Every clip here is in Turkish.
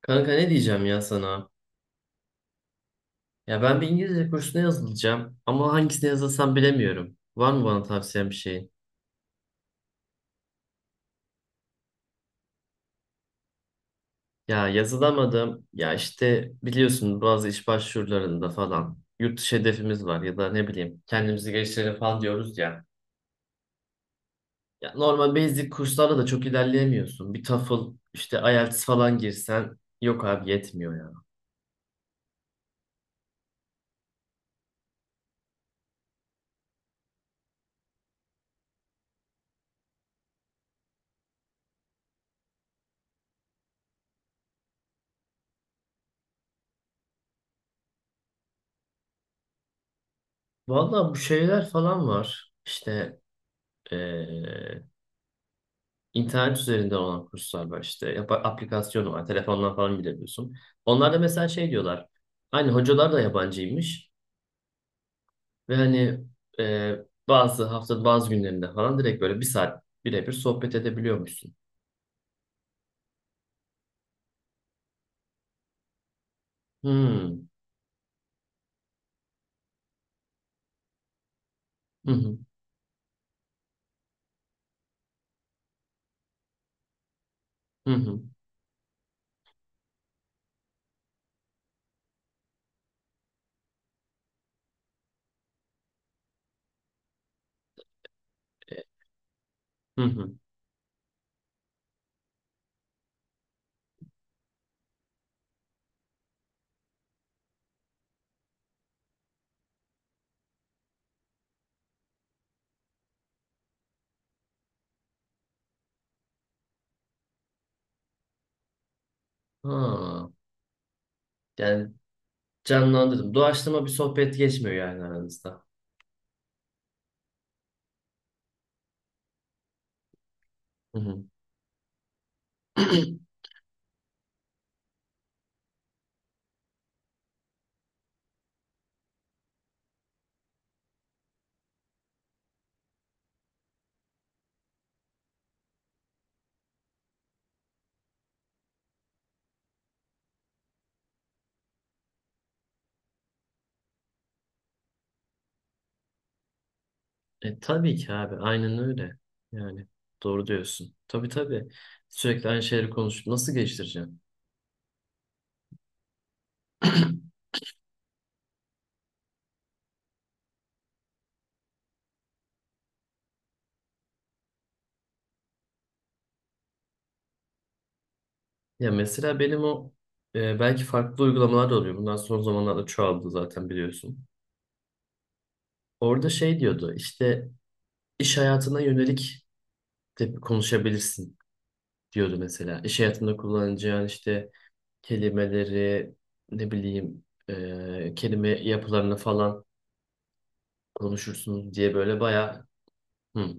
Kanka ne diyeceğim ya sana? Ya ben bir İngilizce kursuna yazılacağım ama hangisine yazılsam bilemiyorum. Var mı bana tavsiyen bir şeyin? Ya yazılamadım. Ya işte biliyorsun bazı iş başvurularında falan yurt dışı hedefimiz var ya da ne bileyim kendimizi geliştirelim falan diyoruz ya. Ya normal basic kurslarda da çok ilerleyemiyorsun. Bir TOEFL işte IELTS falan girsen yok abi yetmiyor ya. Vallahi bu şeyler falan var. İşte İnternet üzerinden olan kurslar var işte. Yap aplikasyonu var. Telefondan falan girebiliyorsun. Onlar da mesela şey diyorlar. Hani hocalar da yabancıymış. Ve hani e, bazı hafta bazı günlerinde falan direkt böyle bir saat birebir sohbet edebiliyormuşsun. Hmm. Hı hı. Hı hı. E, Hı hı. Ha. Yani canlandırdım. Doğaçlama bir sohbet geçmiyor yani aranızda. Hı hı. E, tabii ki abi. Aynen öyle. Yani doğru diyorsun. Tabii tabii. Sürekli aynı şeyleri konuşup nasıl geliştireceğim? Ya mesela benim o belki farklı uygulamalar da oluyor. Bundan son zamanlarda çoğaldı zaten biliyorsun. Orada şey diyordu işte iş hayatına yönelik de konuşabilirsin diyordu mesela. İş hayatında kullanacağın işte kelimeleri ne bileyim kelime yapılarını falan konuşursunuz diye böyle bayağı hı,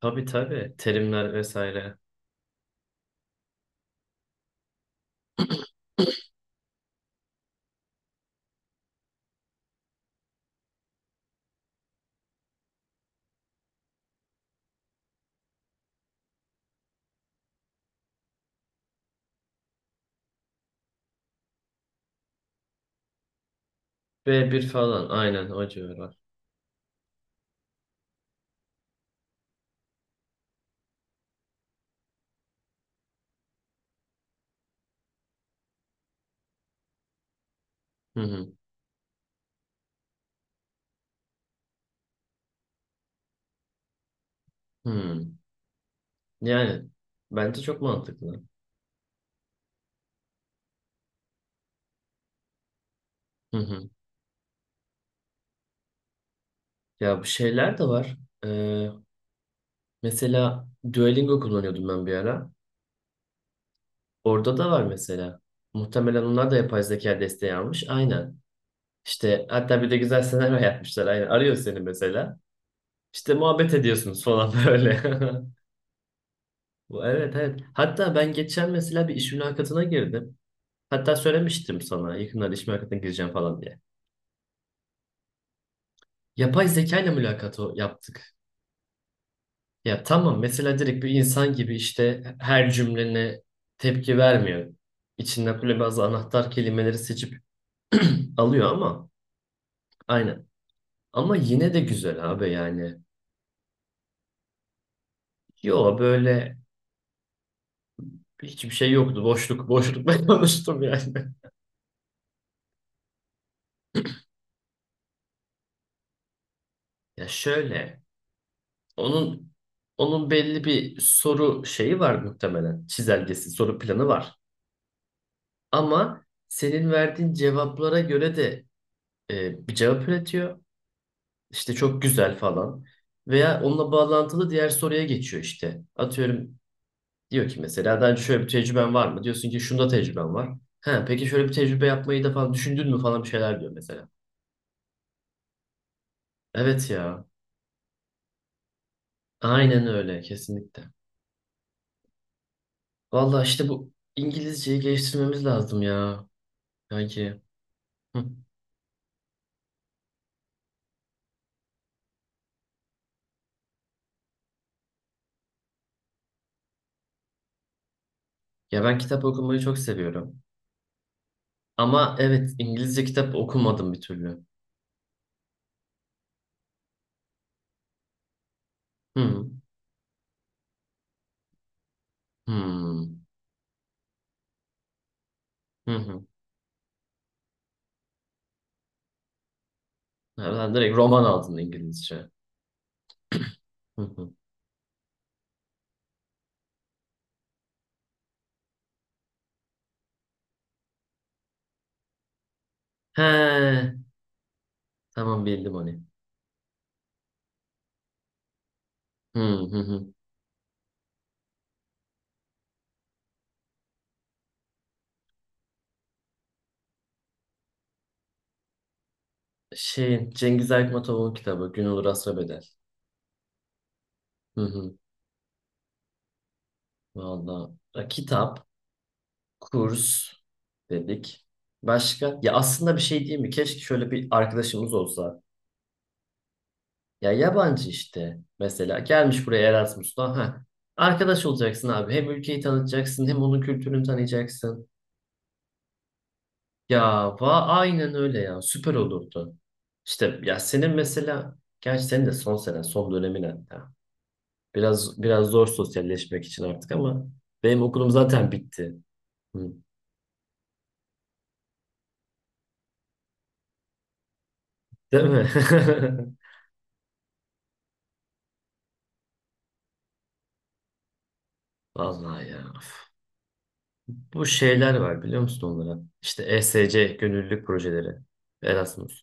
tabii tabii terimler vesaire. B bir falan aynen o civarlar. Hı hı, hı. Yani bence çok mantıklı. Hı hı. Ya bu şeyler de var. Ee, mesela Duolingo kullanıyordum ben bir ara. Orada da var mesela. Muhtemelen onlar da yapay zeka desteği almış. Aynen. İşte hatta bir de güzel senaryo yapmışlar. Aynen. Arıyor seni mesela. İşte muhabbet ediyorsunuz falan böyle. Bu- Evet evet. Hatta ben geçen mesela bir iş mülakatına girdim. Hatta söylemiştim sana yakında iş mülakatına gireceğim falan diye. Yapay zeka ile mülakatı yaptık. Ya tamam, mesela direkt bir insan gibi işte her cümlene tepki vermiyor. İçinden böyle bazı anahtar kelimeleri seçip alıyor ama aynen. Ama yine de güzel abi yani. Yo böyle hiçbir şey yoktu. Boşluk boşluk ben konuştum yani. Ya şöyle, onun onun belli bir soru şeyi var muhtemelen. Çizelgesi, soru planı var. Ama senin verdiğin cevaplara göre de bir cevap üretiyor. İşte çok güzel falan. Veya onunla bağlantılı diğer soruya geçiyor işte. Atıyorum diyor ki mesela daha önce şöyle bir tecrüben var mı? Diyorsun ki şunda tecrüben var. Ha, peki şöyle bir tecrübe yapmayı da falan düşündün mü falan bir şeyler diyor mesela. Evet ya. Aynen öyle kesinlikle. Valla işte bu İngilizceyi geliştirmemiz lazım ya. Kanki. Hı. Ya ben kitap okumayı çok seviyorum. Ama evet İngilizce kitap okumadım bir türlü. Hı hı. Hı hı. Ha, ben direkt roman aldım İngilizce. Hı hı. He, tamam bildim onu. Hı hı hı. Şey, Cengiz Aytmatov'un kitabı Gün Olur Asra Bedel. Hı hı. Valla kitap, kurs dedik. Başka? Ya aslında bir şey değil mi? Keşke şöyle bir arkadaşımız olsa. Ya yabancı işte mesela. Gelmiş buraya Erasmus'ta. Ha. Arkadaş olacaksın abi. Hem ülkeyi tanıtacaksın hem onun kültürünü tanıyacaksın. Ya va aynen öyle ya. Süper olurdu. İşte ya senin mesela, gerçi senin de son sene, son dönemin hatta. Biraz zor sosyalleşmek için artık ama benim okulum zaten bitti. Hı. Değil mi? Vallahi ya. Üf. Bu şeyler var biliyor musun onlara? İşte ESC gönüllülük projeleri. Erasmus.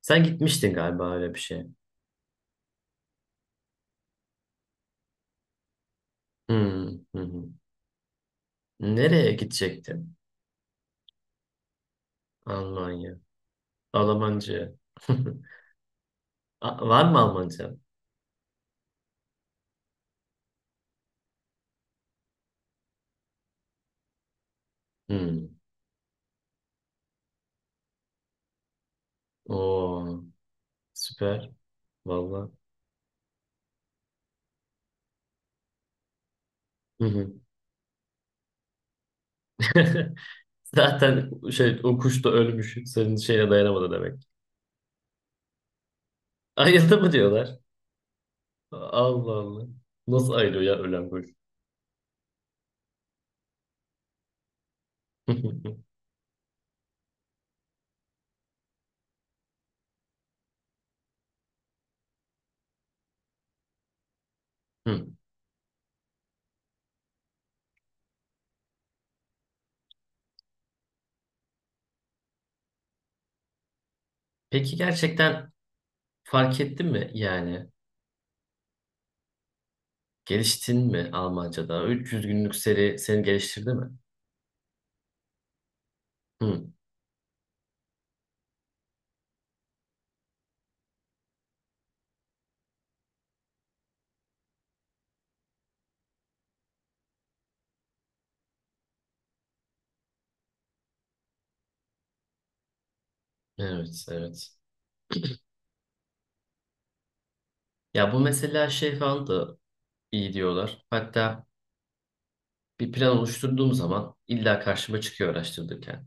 Sen gitmiştin galiba öyle bir şeye. Hı hı, hı. Nereye gidecektin? Almanya. Almanca. A- Var mı Almanca? Hı. Oo, süper. Vallahi. Hı hı. Zaten şey o kuş da ölmüş. Senin şeyine dayanamadı demek. Ayıldı mı diyorlar. Allah Allah. Nasıl ayılıyor ya ölen kuş? Hı. Peki gerçekten fark ettin mi yani? Geliştin mi Almanca'da? 300 günlük seri seni geliştirdi mi? Hı. Evet, evet. Ya bu mesela şey falan da iyi diyorlar. Hatta bir plan oluşturduğum zaman illa karşıma çıkıyor araştırırken.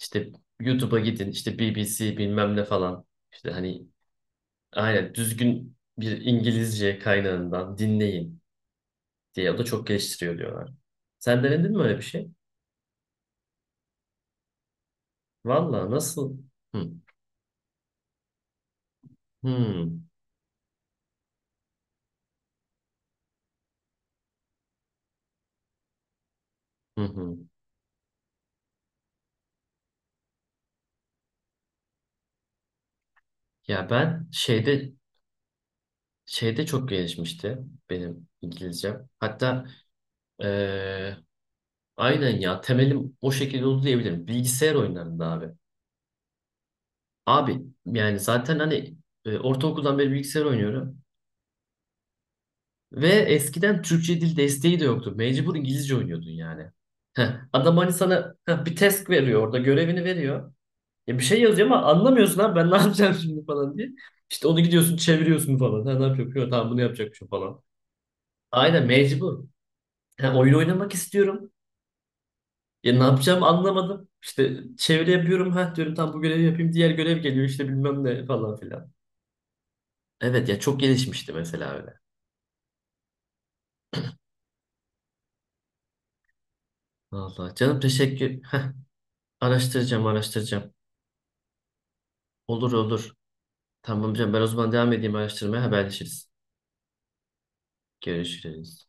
İşte YouTube'a gidin, işte BBC bilmem ne falan. İşte hani aynen düzgün bir İngilizce kaynağından dinleyin diye. O da çok geliştiriyor diyorlar. Sen denedin mi öyle bir şey? Valla nasıl? Hı. Hı. Hı hı. Ya ben şeyde çok gelişmişti benim İngilizcem. Hatta eee, aynen ya temelim o şekilde oldu diyebilirim. Bilgisayar oyunlarında abi. Abi yani zaten hani ortaokuldan beri bilgisayar oynuyorum. Ve eskiden Türkçe dil desteği de yoktu. Mecbur İngilizce oynuyordun yani. Heh, adam hani sana heh, bir task veriyor orada görevini veriyor. Ya bir şey yazıyor ama anlamıyorsun abi ben ne yapacağım şimdi falan diye. İşte onu gidiyorsun çeviriyorsun falan. Ha, ne yapıyor? Yok, tamam bunu yapacakmışım falan. Aynen mecbur. Ha, oyun oynamak istiyorum. Ya ne yapacağımı anlamadım. İşte çeviri yapıyorum. Ha diyorum tam bu görevi yapayım. Diğer görev geliyor işte bilmem ne falan filan. Evet ya çok gelişmişti mesela öyle. Vallahi canım teşekkür. Heh, araştıracağım. Olur olur. Tamam canım, ben o zaman devam edeyim araştırmaya, haberleşiriz. Görüşürüz.